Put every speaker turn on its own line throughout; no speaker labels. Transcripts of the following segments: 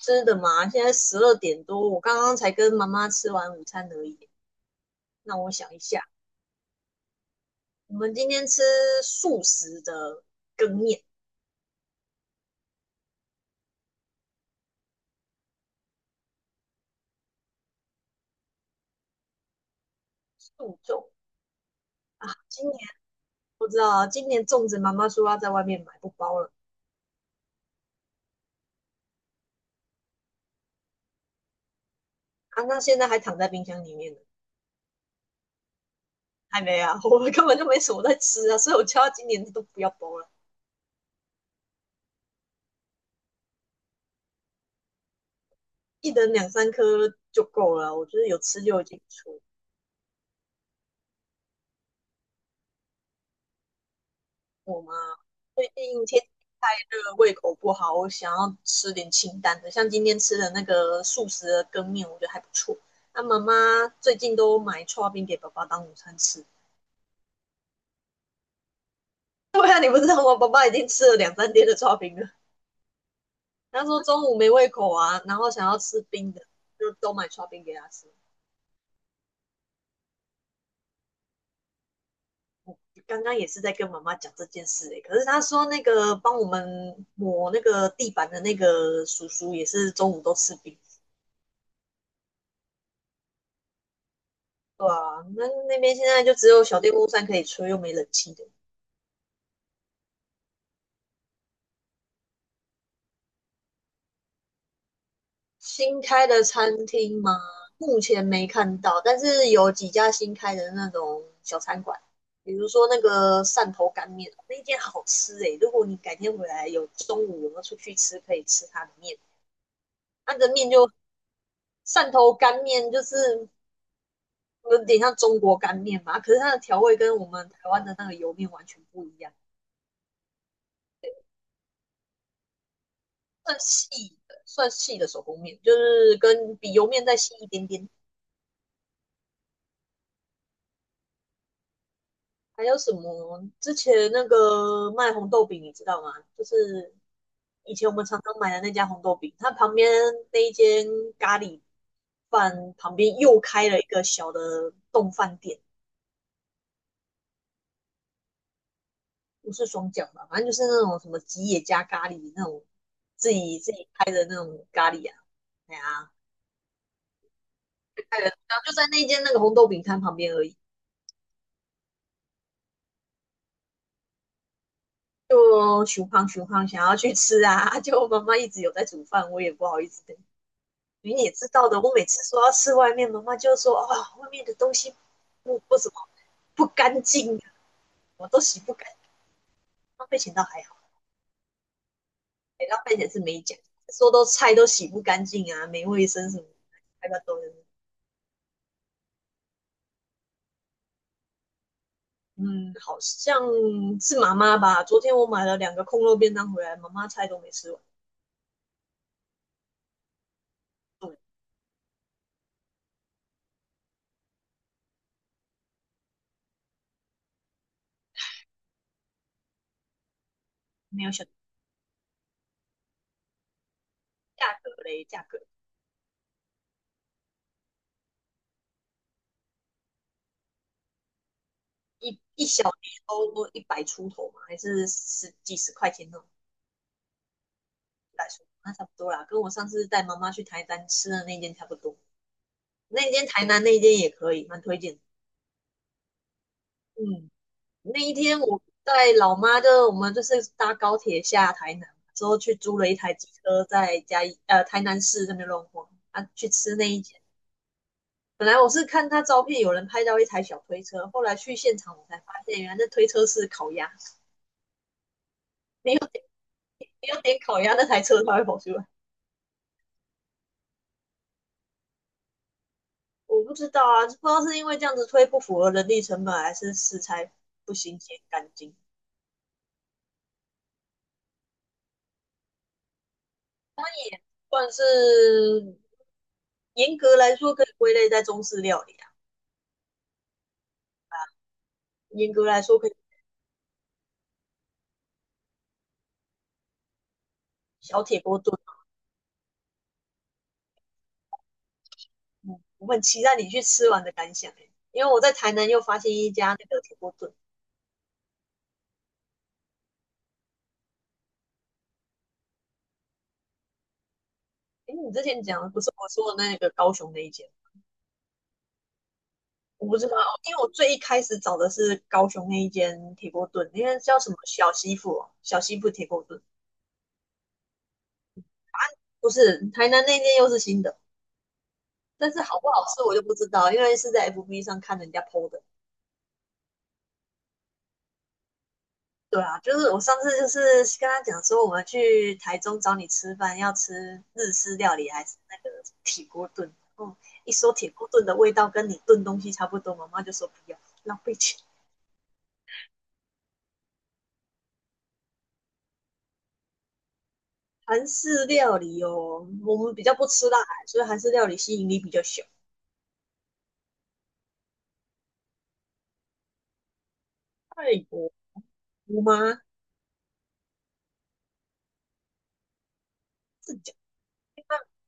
吃的嘛，现在12点多，我刚刚才跟妈妈吃完午餐而已。那我想一下，我们今天吃素食的羹面，素粽啊。今年不知道啊，今年粽子妈妈说要在外面买，不包了啊。那现在还躺在冰箱里面呢，还没啊，我们根本就没什么在吃啊，所以我叫他今年都不要包了，一人两三颗就够了啊，我觉得有吃就已经不我吗？最近天气太热，胃口不好，我想要吃点清淡的。像今天吃的那个素食的羹面，我觉得还不错。那妈妈最近都买刨冰给爸爸当午餐吃。对啊，你不知道吗？爸爸已经吃了两三天的刨冰了。他说中午没胃口啊，然后想要吃冰的，就都买刨冰给他吃。刚刚也是在跟妈妈讲这件事诶、可是他说那个帮我们抹那个地板的那个叔叔也是中午都吃冰。对啊，那那边现在就只有小电风扇可以吹，又没冷气的。新开的餐厅吗？目前没看到，但是有几家新开的那种小餐馆，比如说那个汕头干面，那间好吃诶、欸如果你改天回来有中午有没有出去吃，可以吃它的面。它的面就汕头干面，就是有点像中国干面嘛，可是它的调味跟我们台湾的那个油面完全不一样。算细的，算细的手工面，就是跟比油面再细一点点。还有什么？之前那个卖红豆饼，你知道吗？就是以前我们常常买的那家红豆饼，它旁边那一间咖喱饭旁边又开了一个小的冻饭店，不是双饺吧？反正就是那种什么吉野家咖喱那种自己开的那种咖喱啊，哎呀、开的，然后就在那间那个红豆饼摊旁边而已。就熊胖熊胖想要去吃啊，就妈妈一直有在煮饭，我也不好意思的。你也知道的，我每次说要吃外面，妈妈就说啊，外面的东西不怎么不干净啊，我都洗不干净。浪费钱倒还好，欸浪费钱是没讲，说都菜都洗不干净啊，没卫生什么，还把人。嗯，好像是妈妈吧。昨天我买了两个空肉便当回来，妈妈菜都没吃完，对，没有想价格嘞，价格。一小碟都一百出头嘛，还是十几十块钱那种一百出头，那差不多啦，跟我上次带妈妈去台南吃的那间差不多。那间台南那间也可以，蛮推荐的。嗯，那一天我带老妈的，我们就是搭高铁下台南，之后去租了一台机车在嘉义台南市那边乱晃啊，去吃那一间。本来我是看他照片有人拍到一台小推车，后来去现场我才发现，原来那推车是烤鸭，没有没有点烤鸭，那台车它会跑出来。我不知道啊，不知道是因为这样子推不符合人力成本，还是食材不新鲜干净。算是严格来说可以归类在中式料理啊，严格来说可以小铁锅炖啊。嗯，我很期待你去吃完的感想、欸、因为我在台南又发现一家那个铁锅炖。哎，你之前讲的不是我说的那个高雄那一间，我不知道哦，因为我最一开始找的是高雄那一间铁锅炖，因为叫什么小媳妇哦小媳妇铁锅炖，不是台南那间又是新的。但是好不好吃我就不知道，因为是在 FB 上看人家 PO 的。对啊，就是我上次就是跟他讲说，我们去台中找你吃饭，要吃日式料理还是那个铁锅炖。哦，一说铁锅炖的味道跟你炖东西差不多，妈妈就说不要，浪费钱。韩式料理哦，我们比较不吃辣，所以韩式料理吸引力比较小。泰国姑妈自己讲，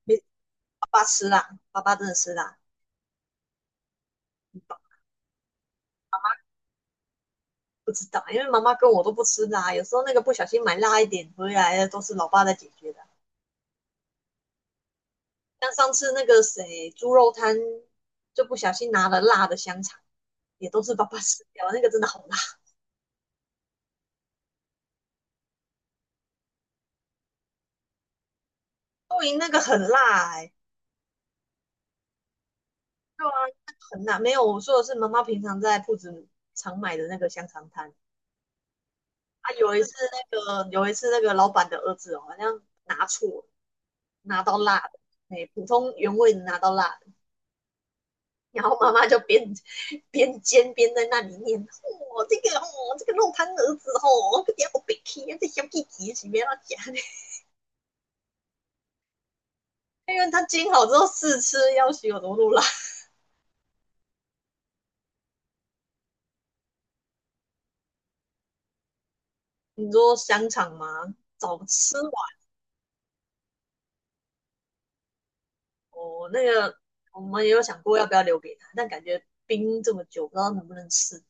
没爸爸吃辣，爸爸真的吃辣，不知道，因为妈妈跟我都不吃辣，有时候那个不小心买辣一点回来的，都是老爸在解决的。像上次那个谁猪肉摊，就不小心拿了辣的香肠，也都是爸爸吃掉，那个真的好辣。露营那个很辣哎、欸对啊，那个很辣。没有，我说的是妈妈平常在铺子常买的那个香肠摊啊。有一次那个老板的儿子哦，好像拿错，拿到辣的，哎，欸普通原味的拿到辣的，然后妈妈就边煎边在那里念："哦，这个哦，这个肉摊儿子哦，这点好别气，这小弟弟是不要夹的，"因为他煎好之后试吃，要许有多路啦。你说香肠吗？早吃完哦，那个我们也有想过要不要留给他，但感觉冰这么久，不知道能不能吃。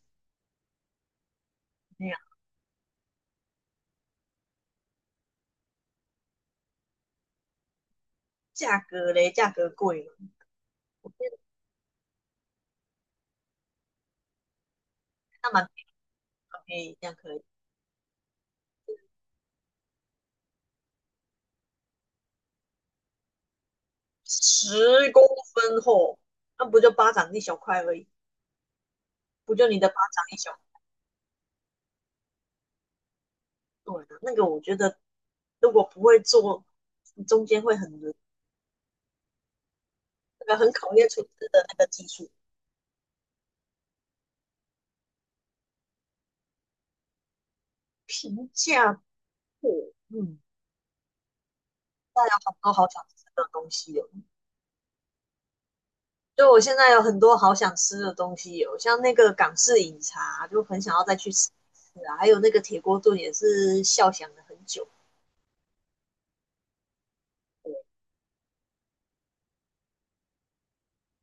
那样价格嘞，价格贵嘛，我觉得那蛮便宜，这样可以。10公分厚，那不就巴掌一小块而已？不就你的巴掌一小对啊，那个我觉得如果不会做，中间会很那个很考验厨师的那个技术。评价过，嗯，大家好多好想吃的东西哦。就我现在有很多好想吃的东西哦，像那个港式饮茶，就很想要再去吃一次啊。还有那个铁锅炖也是笑想了很久。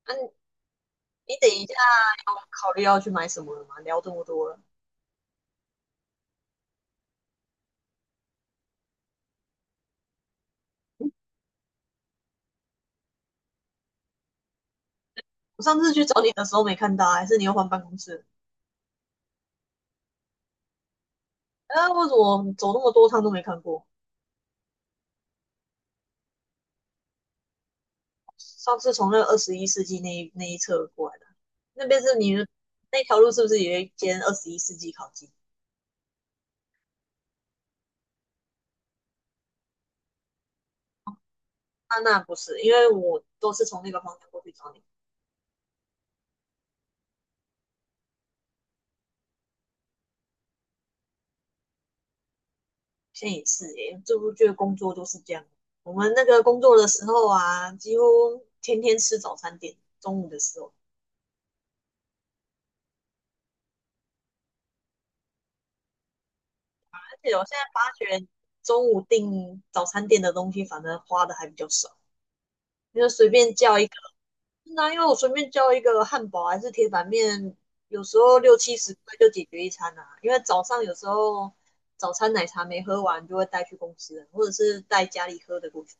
啊，你你等一下有考虑要去买什么了吗？聊这么多了，嗯，我上次去找你的时候没看到，还是你又换办公室了？啊，为什么走那么多趟都没看过？上次从那个二十一世纪那一侧过来的，那边是你们那条路是不是有一间二十一世纪烤鸡？那不是，因为我都是从那个方向过去找你。现在也是耶，这不觉得工作都是这样。我们那个工作的时候啊，几乎天天吃早餐店，中午的时候，而且我现在发觉中午订早餐店的东西，反正花的还比较少，因为随便叫一那因为我随便叫一个汉堡还是铁板面，有时候60-70块就解决一餐啊。因为早上有时候早餐奶茶没喝完，就会带去公司了或者是带家里喝的过去。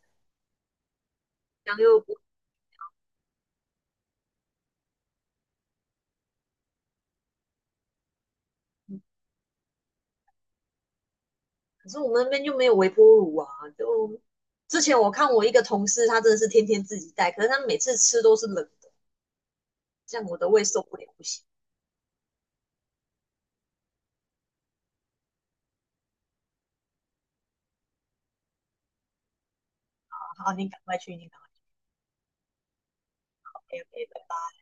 然后又可是我们那边就没有微波炉啊。就之前我看我一个同事，他真的是天天自己带，可是他每次吃都是冷的，这样我的胃受不了，不行。啊。好，你赶快去，你赶快去 o OK，拜拜。